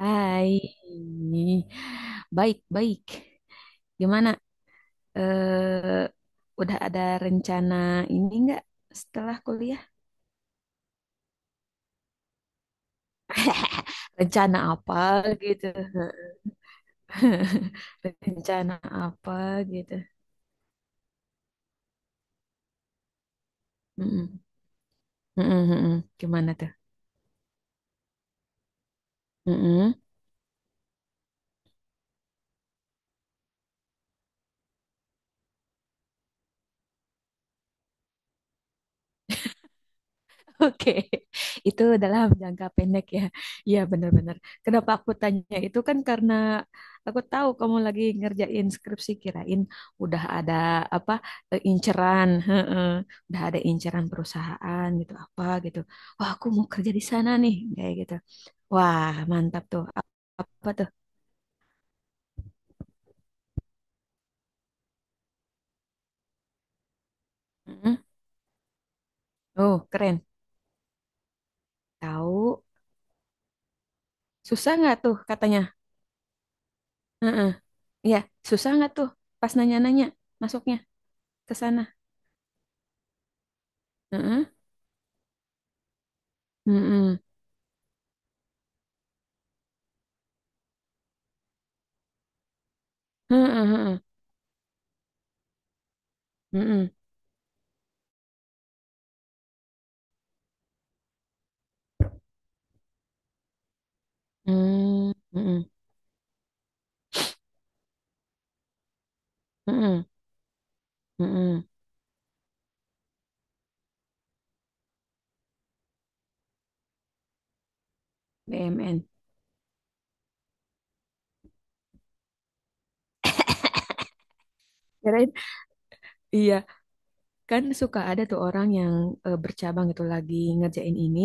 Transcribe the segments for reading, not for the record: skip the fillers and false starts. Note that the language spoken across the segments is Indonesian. Hai, baik baik. Gimana? Eh, udah ada rencana ini nggak setelah kuliah? Rencana apa gitu? Rencana apa gitu? Mm-mm. Mm-mm, mm-mm. Gimana tuh? Mm-mm. Oke, itu dalam jangka pendek ya. Iya benar-benar. Kenapa aku tanya itu kan karena aku tahu kamu lagi ngerjain skripsi, kirain udah ada apa inceran, heeh. Udah ada inceran perusahaan gitu apa gitu. Wah, aku mau kerja di sana nih kayak gitu. Wah, mantap tuh. Apa tuh? Heeh. Oh, keren. Tahu susah nggak tuh katanya? Heeh. Iya, susah nggak tuh pas nanya-nanya masuknya ke sana? Heeh. Mm-mm. Heeh, heeh, heeh, heeh, heeh, heeh, heeh, BMN. Kirain, iya, kan suka ada tuh orang yang bercabang gitu lagi ngerjain ini,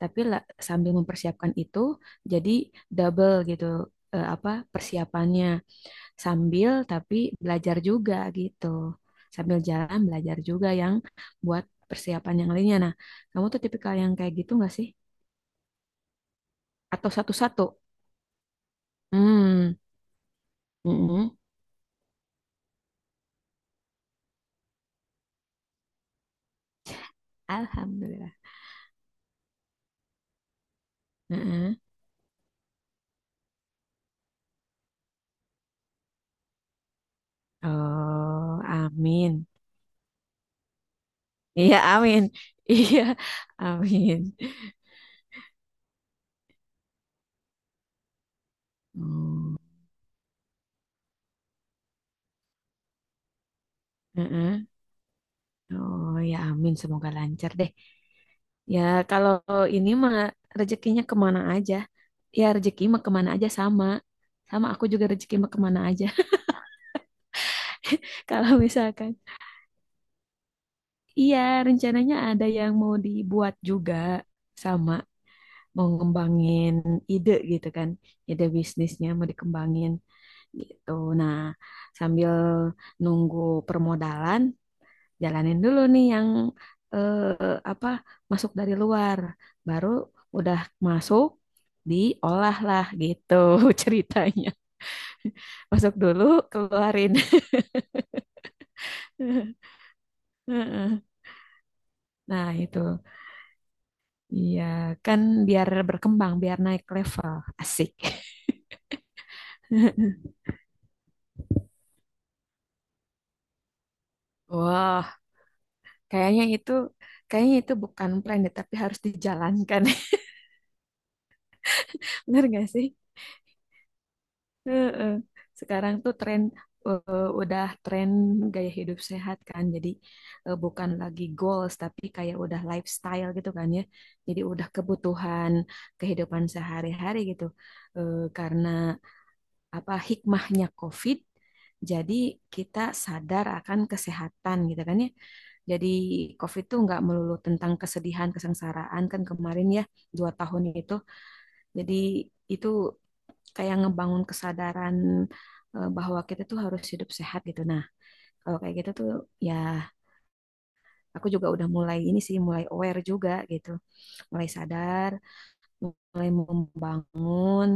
tapi sambil mempersiapkan itu, jadi double gitu, apa persiapannya sambil tapi belajar juga gitu, sambil jalan belajar juga yang buat persiapan yang lainnya. Nah, kamu tuh tipikal yang kayak gitu nggak sih? Atau satu-satu? Hmm, mm-mm. Alhamdulillah. Oh, amin. Iya, amin. Iya, amin. Hmm, heeh. Oh, ya amin. Semoga lancar deh. Ya, kalau ini mah rezekinya kemana aja. Ya, rezeki mah kemana aja sama. Sama aku juga rezeki mah kemana aja. Kalau misalkan, iya rencananya ada yang mau dibuat juga sama. Mau ngembangin ide gitu kan. Ide bisnisnya mau dikembangin gitu. Nah, sambil nunggu permodalan, jalanin dulu nih yang apa masuk dari luar. Baru udah masuk, diolah lah gitu ceritanya. Masuk dulu, keluarin. Heeh. Nah, itu. Iya, kan biar berkembang, biar naik level. Asik. Wah, kayaknya itu kayaknya itu bukan plan deh, tapi harus dijalankan. Bener gak sih? Heeh. Sekarang tuh tren, udah tren gaya hidup sehat kan. Jadi bukan lagi goals tapi kayak udah lifestyle gitu kan ya. Jadi udah kebutuhan kehidupan sehari-hari gitu. Karena apa hikmahnya COVID, jadi kita sadar akan kesehatan gitu kan ya. Jadi COVID tuh nggak melulu tentang kesedihan, kesengsaraan kan kemarin ya, dua tahun itu, jadi itu kayak ngebangun kesadaran, bahwa kita tuh harus hidup sehat gitu. Nah, kalau kayak gitu tuh ya aku juga udah mulai ini sih, mulai aware juga gitu. Mulai sadar, mulai membangun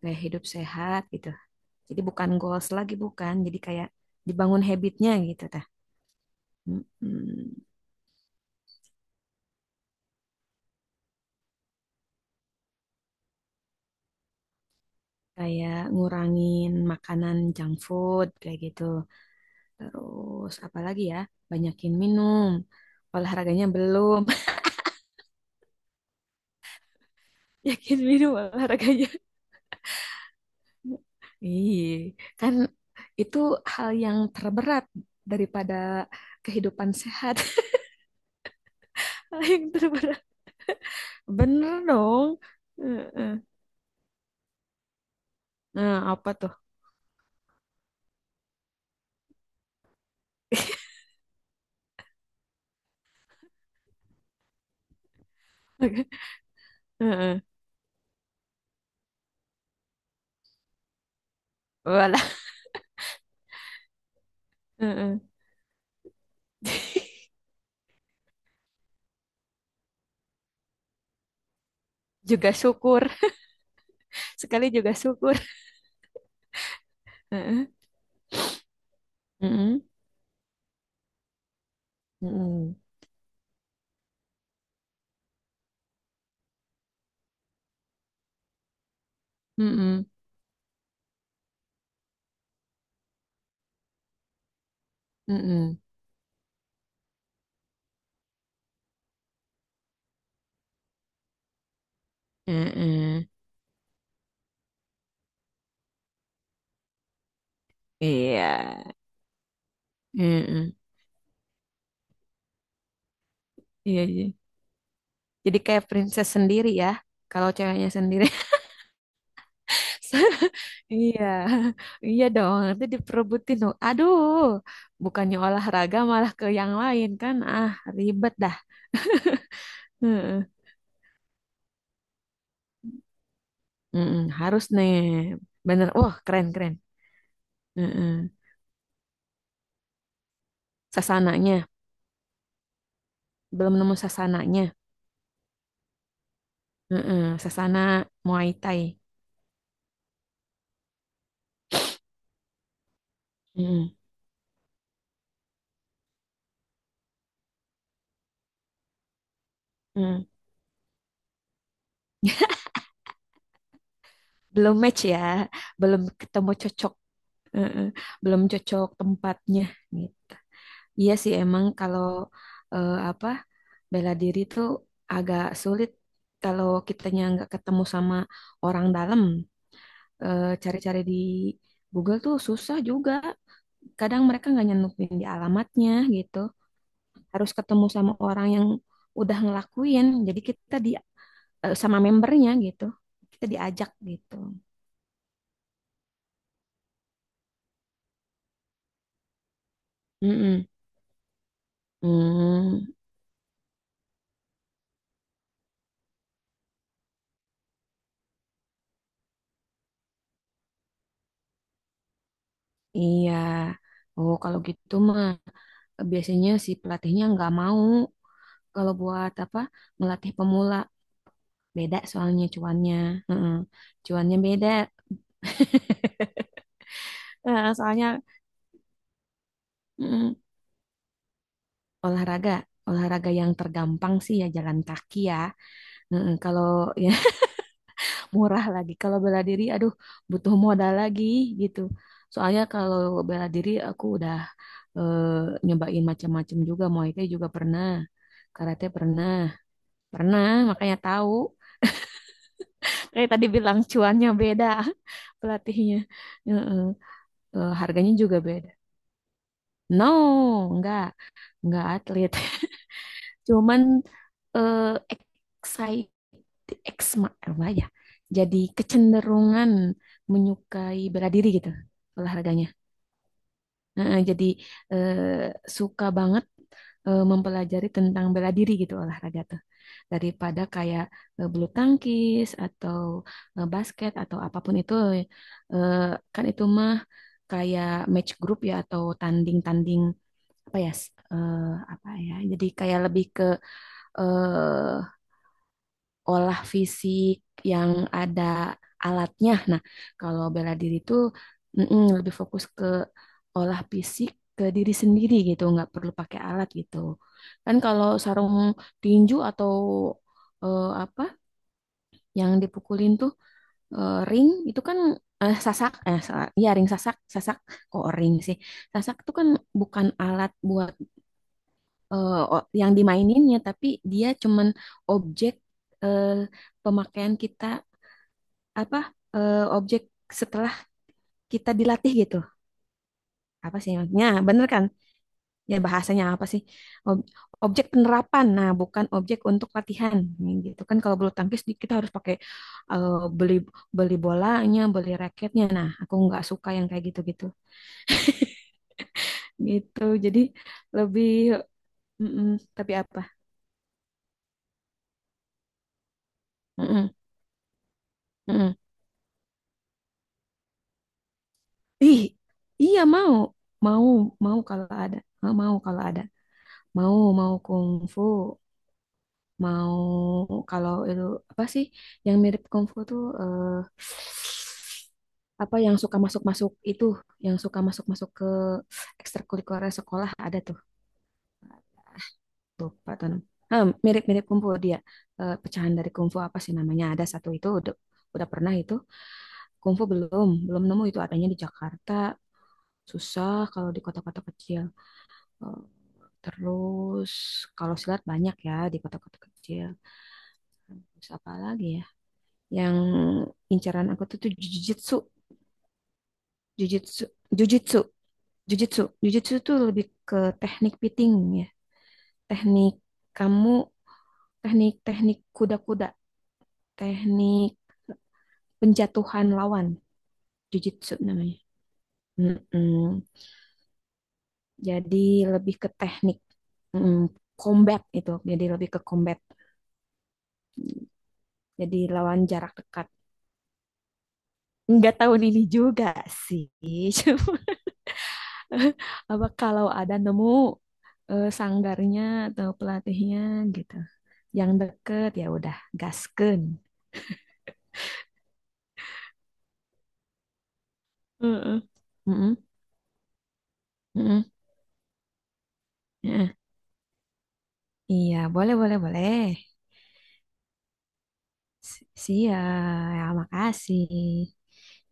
kayak hidup sehat gitu. Jadi bukan goals lagi bukan, jadi kayak dibangun habitnya gitu tah. Mm-mm. Kayak ngurangin makanan junk food kayak gitu. Terus apalagi ya, banyakin minum. Olahraganya belum. Yakin minum olahraganya. Ih, kan itu hal yang terberat daripada kehidupan sehat. Hal yang terberat. Bener dong. Heeh. Nah, apa tuh? Heeh. Walah. Heeh. Juga syukur. Sekali juga syukur. Heeh. Heeh. Heeh. Heeh. Heeh. Heeh. Iya. Heeh. Iya, iya. Jadi kayak princess sendiri ya. Kalau ceweknya sendiri. Iya, iya dong. Nanti diperebutin dong. Aduh, bukannya olahraga malah ke yang lain kan? Ah, ribet dah. Heeh. Mm-mm, harus nih, bener. Wah, keren keren. Heeh. Sasananya, belum nemu sasananya. Heeh, Sasana Muay Thai. Heeh, heeh. Belum match ya, belum ketemu cocok. Heeh, belum cocok tempatnya gitu. Iya sih emang kalau apa? Bela diri tuh agak sulit kalau kitanya nggak ketemu sama orang dalam. Cari-cari di Google tuh susah juga. Kadang mereka nggak nyantumin di alamatnya gitu. Harus ketemu sama orang yang udah ngelakuin. Jadi kita di, sama membernya gitu. Kita diajak gitu. Mm-mm. Hmm, iya. Oh, kalau gitu mah biasanya si pelatihnya nggak mau kalau buat apa melatih pemula. Beda soalnya cuannya. Heeh. Cuannya beda. Soalnya mm, olahraga, olahraga yang tergampang sih ya jalan kaki ya. Heeh, kalau ya murah lagi. Kalau bela diri, aduh butuh modal lagi gitu. Soalnya kalau bela diri aku udah nyobain macam-macam juga. Muay Thai juga pernah. Karate pernah, pernah makanya tahu. Kayak tadi bilang cuannya beda pelatihnya. Heeh. Eh, harganya juga beda. No, enggak. Nggak atlet cuman, eh, excite eksma apa ya, jadi kecenderungan menyukai bela diri gitu olahraganya. Heeh, jadi suka banget mempelajari tentang bela diri gitu olahraga tuh daripada kayak bulu tangkis atau basket atau apapun itu, eh, kan itu mah kayak match group ya atau tanding-tanding apa ya, eh, apa ya jadi kayak lebih ke eh, olah fisik yang ada alatnya. Nah, kalau bela diri itu mm-mm, lebih fokus ke olah fisik ke diri sendiri gitu, nggak perlu pakai alat gitu. Kan kalau sarung tinju atau apa yang dipukulin tuh ring itu kan, sasak eh salah. Iya, ring sasak, sasak kok ring sih. Sasak itu kan bukan alat buat yang dimaininnya, tapi dia cuman objek, eh, pemakaian kita apa, objek setelah kita dilatih gitu. Apa sih maksudnya? Nah, bener kan? Ya bahasanya apa sih? Ob- Objek penerapan. Nah, bukan objek untuk latihan. Ini gitu kan, kalau bulu tangkis kita harus pakai eh, beli beli bolanya, beli raketnya. Nah, aku nggak suka yang kayak gitu-gitu. Gitu. Jadi lebih mm-mm, tapi apa? Mm-mm, mm-mm. Ih, iya mau, mau, mau kalau ada. Ah, mau kalau ada, mau mau kungfu, mau kalau itu apa sih yang mirip kungfu tuh, apa yang suka masuk-masuk itu, yang suka masuk-masuk ke ekstrakurikuler sekolah ada tuh, tuh Pak Tono. Ah, mirip-mirip kungfu dia. Eh, pecahan dari kungfu apa sih namanya? Ada satu itu udah pernah itu, kungfu belum, belum nemu itu adanya di Jakarta, susah kalau di kota-kota kecil. Oh. Terus kalau silat banyak ya di kota-kota kecil. Terus apa lagi ya? Yang incaran aku tuh tuh jujitsu, jujitsu, jujitsu, jujitsu. Jujitsu tuh lebih ke teknik piting ya. Teknik kamu, teknik-teknik kuda-kuda, teknik penjatuhan lawan, jujitsu namanya. Mm-mm. Jadi lebih ke teknik mm, combat itu. Jadi lebih ke combat. Jadi lawan jarak dekat. Nggak tahun ini juga sih. Cuma apa kalau ada nemu sanggarnya atau pelatihnya gitu, yang deket ya udah gaskeun. Heeh. Mm-mm, mm-mm, mm-mm. Iya, boleh, boleh, boleh. Si- Siap, ya, makasih.